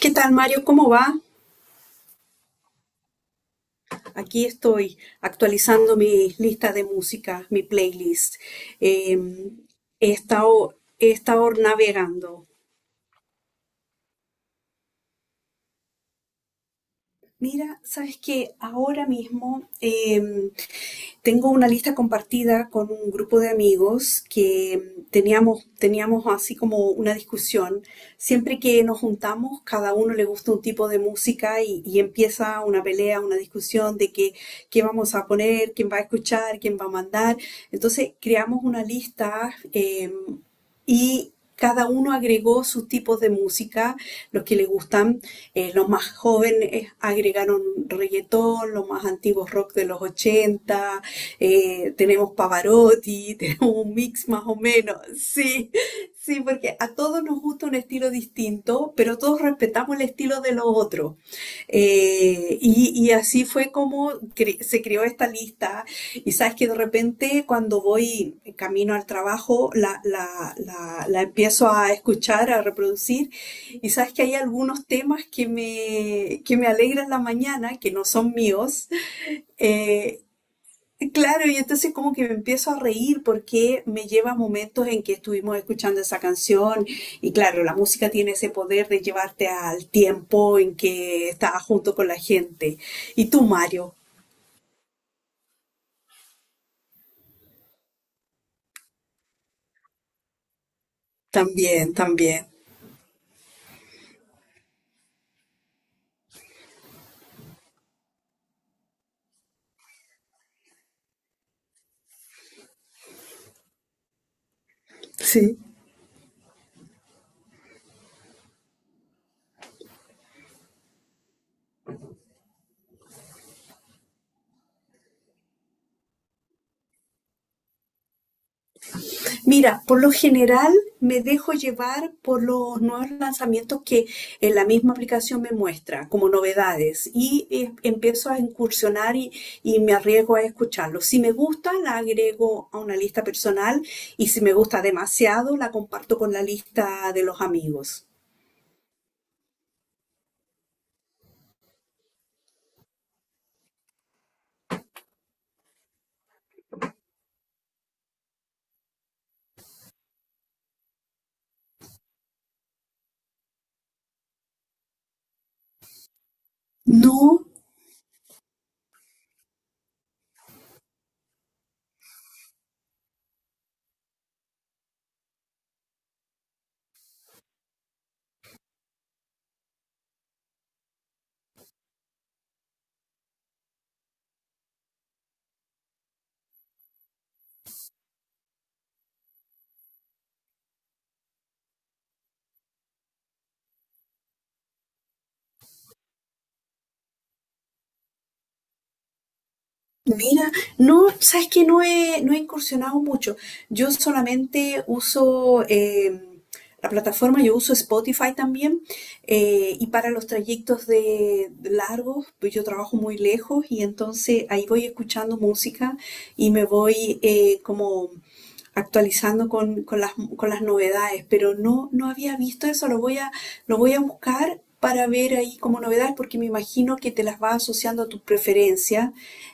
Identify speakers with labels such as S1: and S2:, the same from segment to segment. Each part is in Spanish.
S1: ¿Qué tal, Mario? ¿Cómo va? Aquí estoy actualizando mi lista de música, mi playlist. Eh, he estado navegando. Mira, sabes que ahora mismo tengo una lista compartida con un grupo de amigos que teníamos así como una discusión. Siempre que nos juntamos, cada uno le gusta un tipo de música y empieza una pelea, una discusión de que qué vamos a poner, quién va a escuchar, quién va a mandar. Entonces creamos una lista, y cada uno agregó sus tipos de música, los que le gustan. Los más jóvenes agregaron reggaetón, los más antiguos rock de los ochenta, tenemos Pavarotti, tenemos un mix más o menos, sí, sí, porque a todos nos gusta un estilo distinto, pero todos respetamos el estilo de los otros. Y así fue como se creó esta lista. Y sabes que de repente cuando voy camino al trabajo, la empiezo a escuchar, a reproducir, y sabes que hay algunos temas que me alegran la mañana, que no son míos. Eh, Claro, y entonces como que me empiezo a reír porque me lleva a momentos en que estuvimos escuchando esa canción, y claro, la música tiene ese poder de llevarte al tiempo en que estabas junto con la gente. Y tú, Mario, también, también. Sí. Mira, por lo general me dejo llevar por los nuevos lanzamientos que en la misma aplicación me muestra como novedades, y empiezo a incursionar y me arriesgo a escucharlos. Si me gusta, la agrego a una lista personal, y si me gusta demasiado, la comparto con la lista de los amigos. No. Mira, no, sabes que no he incursionado mucho. Yo solamente uso, la plataforma, yo uso Spotify también. Y para los trayectos de largos, pues yo trabajo muy lejos, y entonces ahí voy escuchando música y me voy, como actualizando con las novedades. Pero no, no había visto eso, lo voy a buscar, para ver ahí como novedad, porque me imagino que te las va asociando a tus preferencias,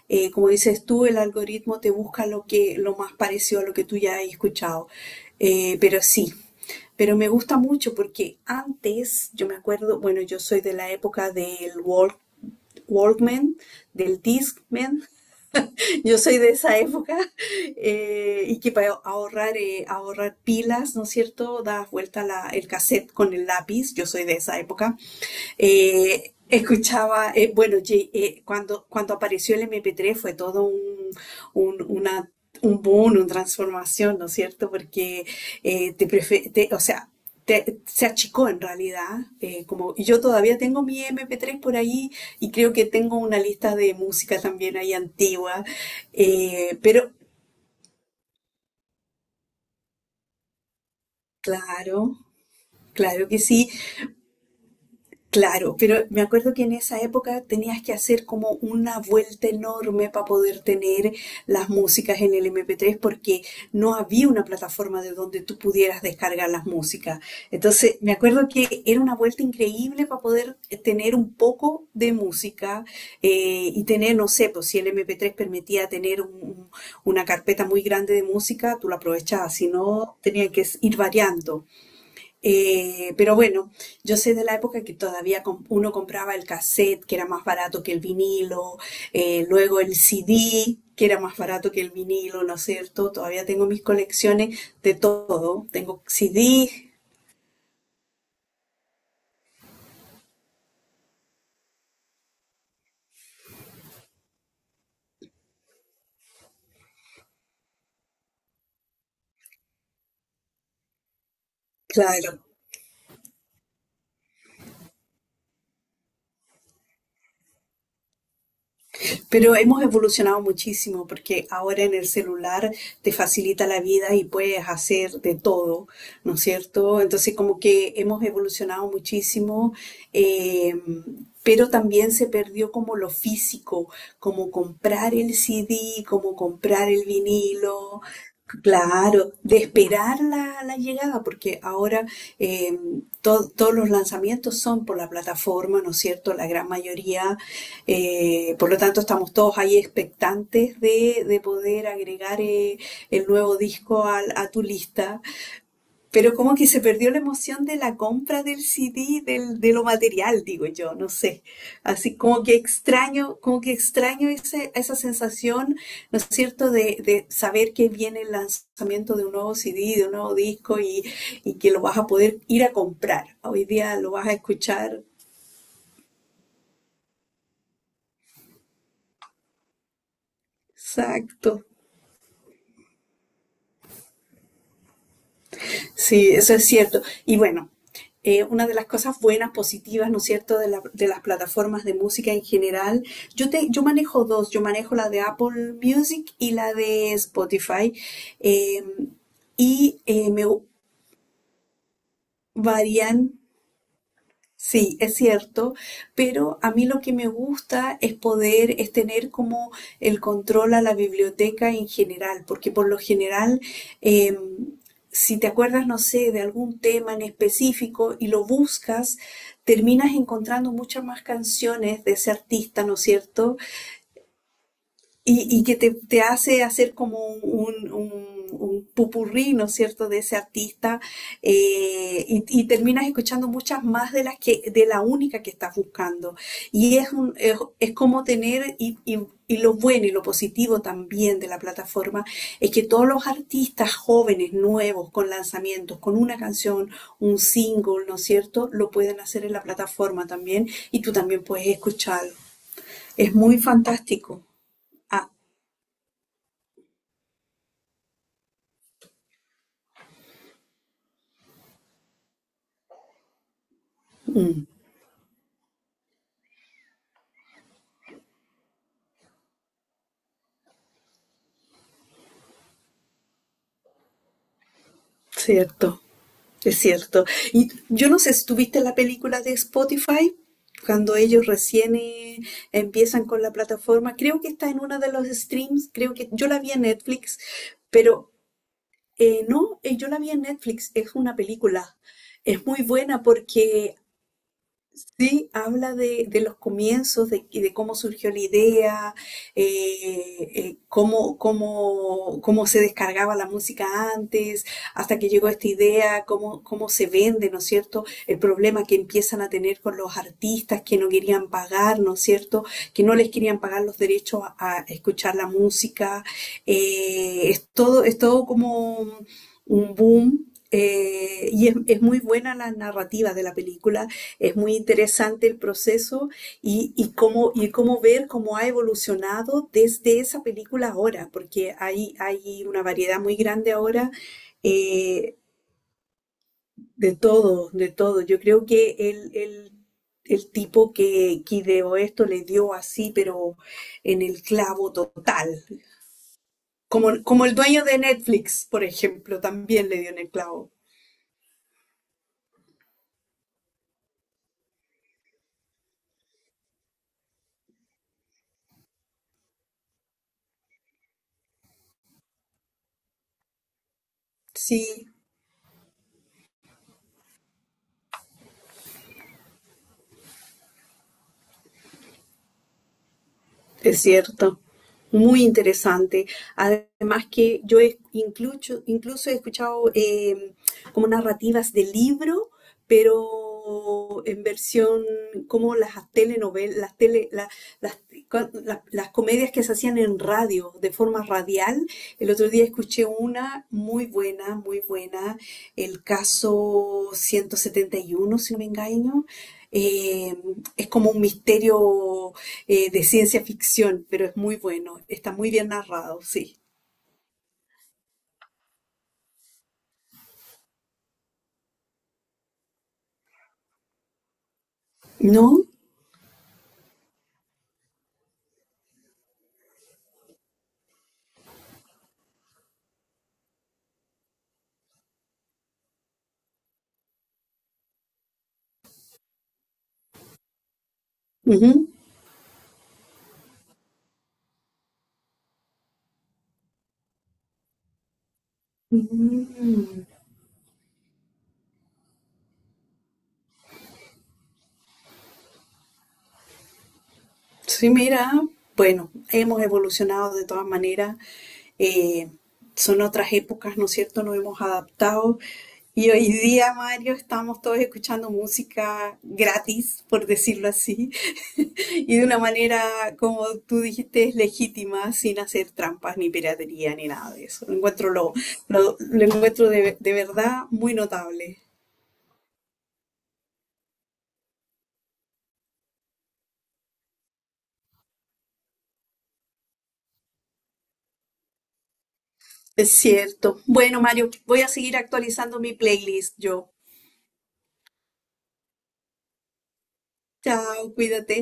S1: como dices tú, el algoritmo te busca lo más parecido a lo que tú ya has escuchado. Pero sí, pero me gusta mucho porque antes, yo me acuerdo, bueno, yo soy de la época del Walkman, del Discman, yo soy de esa época, y que para ahorrar, ahorrar pilas, ¿no es cierto? Das vuelta el cassette con el lápiz, yo soy de esa época. Escuchaba, bueno, cuando, cuando apareció el MP3 fue todo un- una, un boom, una transformación, ¿no es cierto? Porque o sea, se achicó en realidad. Como y yo todavía tengo mi MP3 por ahí, y creo que tengo una lista de música también ahí antigua. eh, pero claro, claro que sí. Claro, pero me acuerdo que en esa época tenías que hacer como una vuelta enorme para poder tener las músicas en el MP3, porque no había una plataforma de donde tú pudieras descargar las músicas. Entonces, me acuerdo que era una vuelta increíble para poder, tener un poco de música, y tener, no sé, pues si el MP3 permitía tener una carpeta muy grande de música, tú la aprovechabas, si no, tenían que ir variando. Bueno, yo sé de la época que todavía uno compraba el cassette, que era más barato que el vinilo, luego el CD, que era más barato que el vinilo, ¿no es cierto? Todavía tengo mis colecciones de todo. Tengo CD, claro. Pero hemos evolucionado muchísimo porque ahora en el celular te facilita la vida y puedes hacer de todo, ¿no es cierto? Entonces como que hemos evolucionado muchísimo, eh, pero también se perdió como lo físico, como comprar el CD, como comprar el vinilo. Claro, de esperar la, la llegada, porque ahora, eh, todos los lanzamientos son por la plataforma, ¿no es cierto? La gran mayoría, por lo tanto, estamos todos ahí expectantes de poder agregar, el nuevo disco a tu lista, pero como que se perdió la emoción de la compra del CD, del, de lo material, digo yo, no sé. Así como que extraño esa sensación, ¿no es cierto?, de saber que viene el lanzamiento de un nuevo CD, de un nuevo disco, y que lo vas a poder ir a comprar. Hoy día lo vas a escuchar. Exacto. Sí, eso es cierto. Una de las cosas buenas, positivas, ¿no es cierto?, de, la, de las plataformas de música en general. Yo manejo dos, yo manejo la de Apple Music y la de Spotify. Eh, Me varían. Sí, es cierto, pero a mí lo que me gusta es poder, es tener como el control a la biblioteca en general, porque por lo general, eh, si te acuerdas, no sé, de algún tema en específico y lo buscas, terminas encontrando muchas más canciones de ese artista, ¿no es cierto? Y que te hace hacer como un popurrí, ¿no es cierto?, de ese artista, y terminas escuchando muchas más de las que, de la única que estás buscando. Y es un, es como tener, y lo bueno y lo positivo también de la plataforma, es que todos los artistas jóvenes, nuevos, con lanzamientos, con una canción, un single, ¿no es cierto?, lo pueden hacer en la plataforma también, y tú también puedes escucharlo. Es muy fantástico. Ah, mm. Cierto, es cierto. Y yo no sé si tuviste la película de Spotify, cuando ellos recién, empiezan con la plataforma. Creo que está en una de los streams, creo que yo la vi en Netflix, pero, no, yo la vi en Netflix, es una película. Es muy buena porque sí, habla de los comienzos, de, y de cómo surgió la idea, cómo se descargaba la música antes, hasta que llegó esta idea, cómo, cómo se vende, ¿no es cierto? El problema que empiezan a tener con los artistas que no querían pagar, ¿no es cierto? Que no les querían pagar los derechos a escuchar la música. Es todo como un boom. Es muy buena la narrativa de la película, es muy interesante el proceso, y cómo ver cómo ha evolucionado desde esa película ahora, porque hay una variedad muy grande ahora, eh, de todo, de todo. Yo creo que el tipo que ideó esto le dio así, pero en el clavo total. Como, como el dueño de Netflix, por ejemplo, también le dio en el clavo. Sí, es cierto, muy interesante. Además que yo he incluso, incluso he escuchado, como narrativas de libro, pero en versión como las telenovelas, las, tele, la- las, cua- la- las comedias que se hacían en radio, de forma radial. El otro día escuché una muy buena, el caso 171, si no me engaño. Eh, es como un misterio, de ciencia ficción, pero es muy bueno, está muy bien narrado, sí. ¿No? Ujú. Mm. Sí, mira, bueno, hemos evolucionado de todas maneras, eh, son otras épocas, ¿no es cierto? Nos hemos adaptado. Y hoy día, Mario, estamos todos escuchando música gratis, por decirlo así. Y de una manera, como tú dijiste, es legítima, sin hacer trampas, ni piratería, ni nada de eso. Lo encuentro, lo encuentro de verdad muy notable. Es cierto. Bueno, Mario, voy a seguir actualizando mi playlist yo. Chao, cuídate.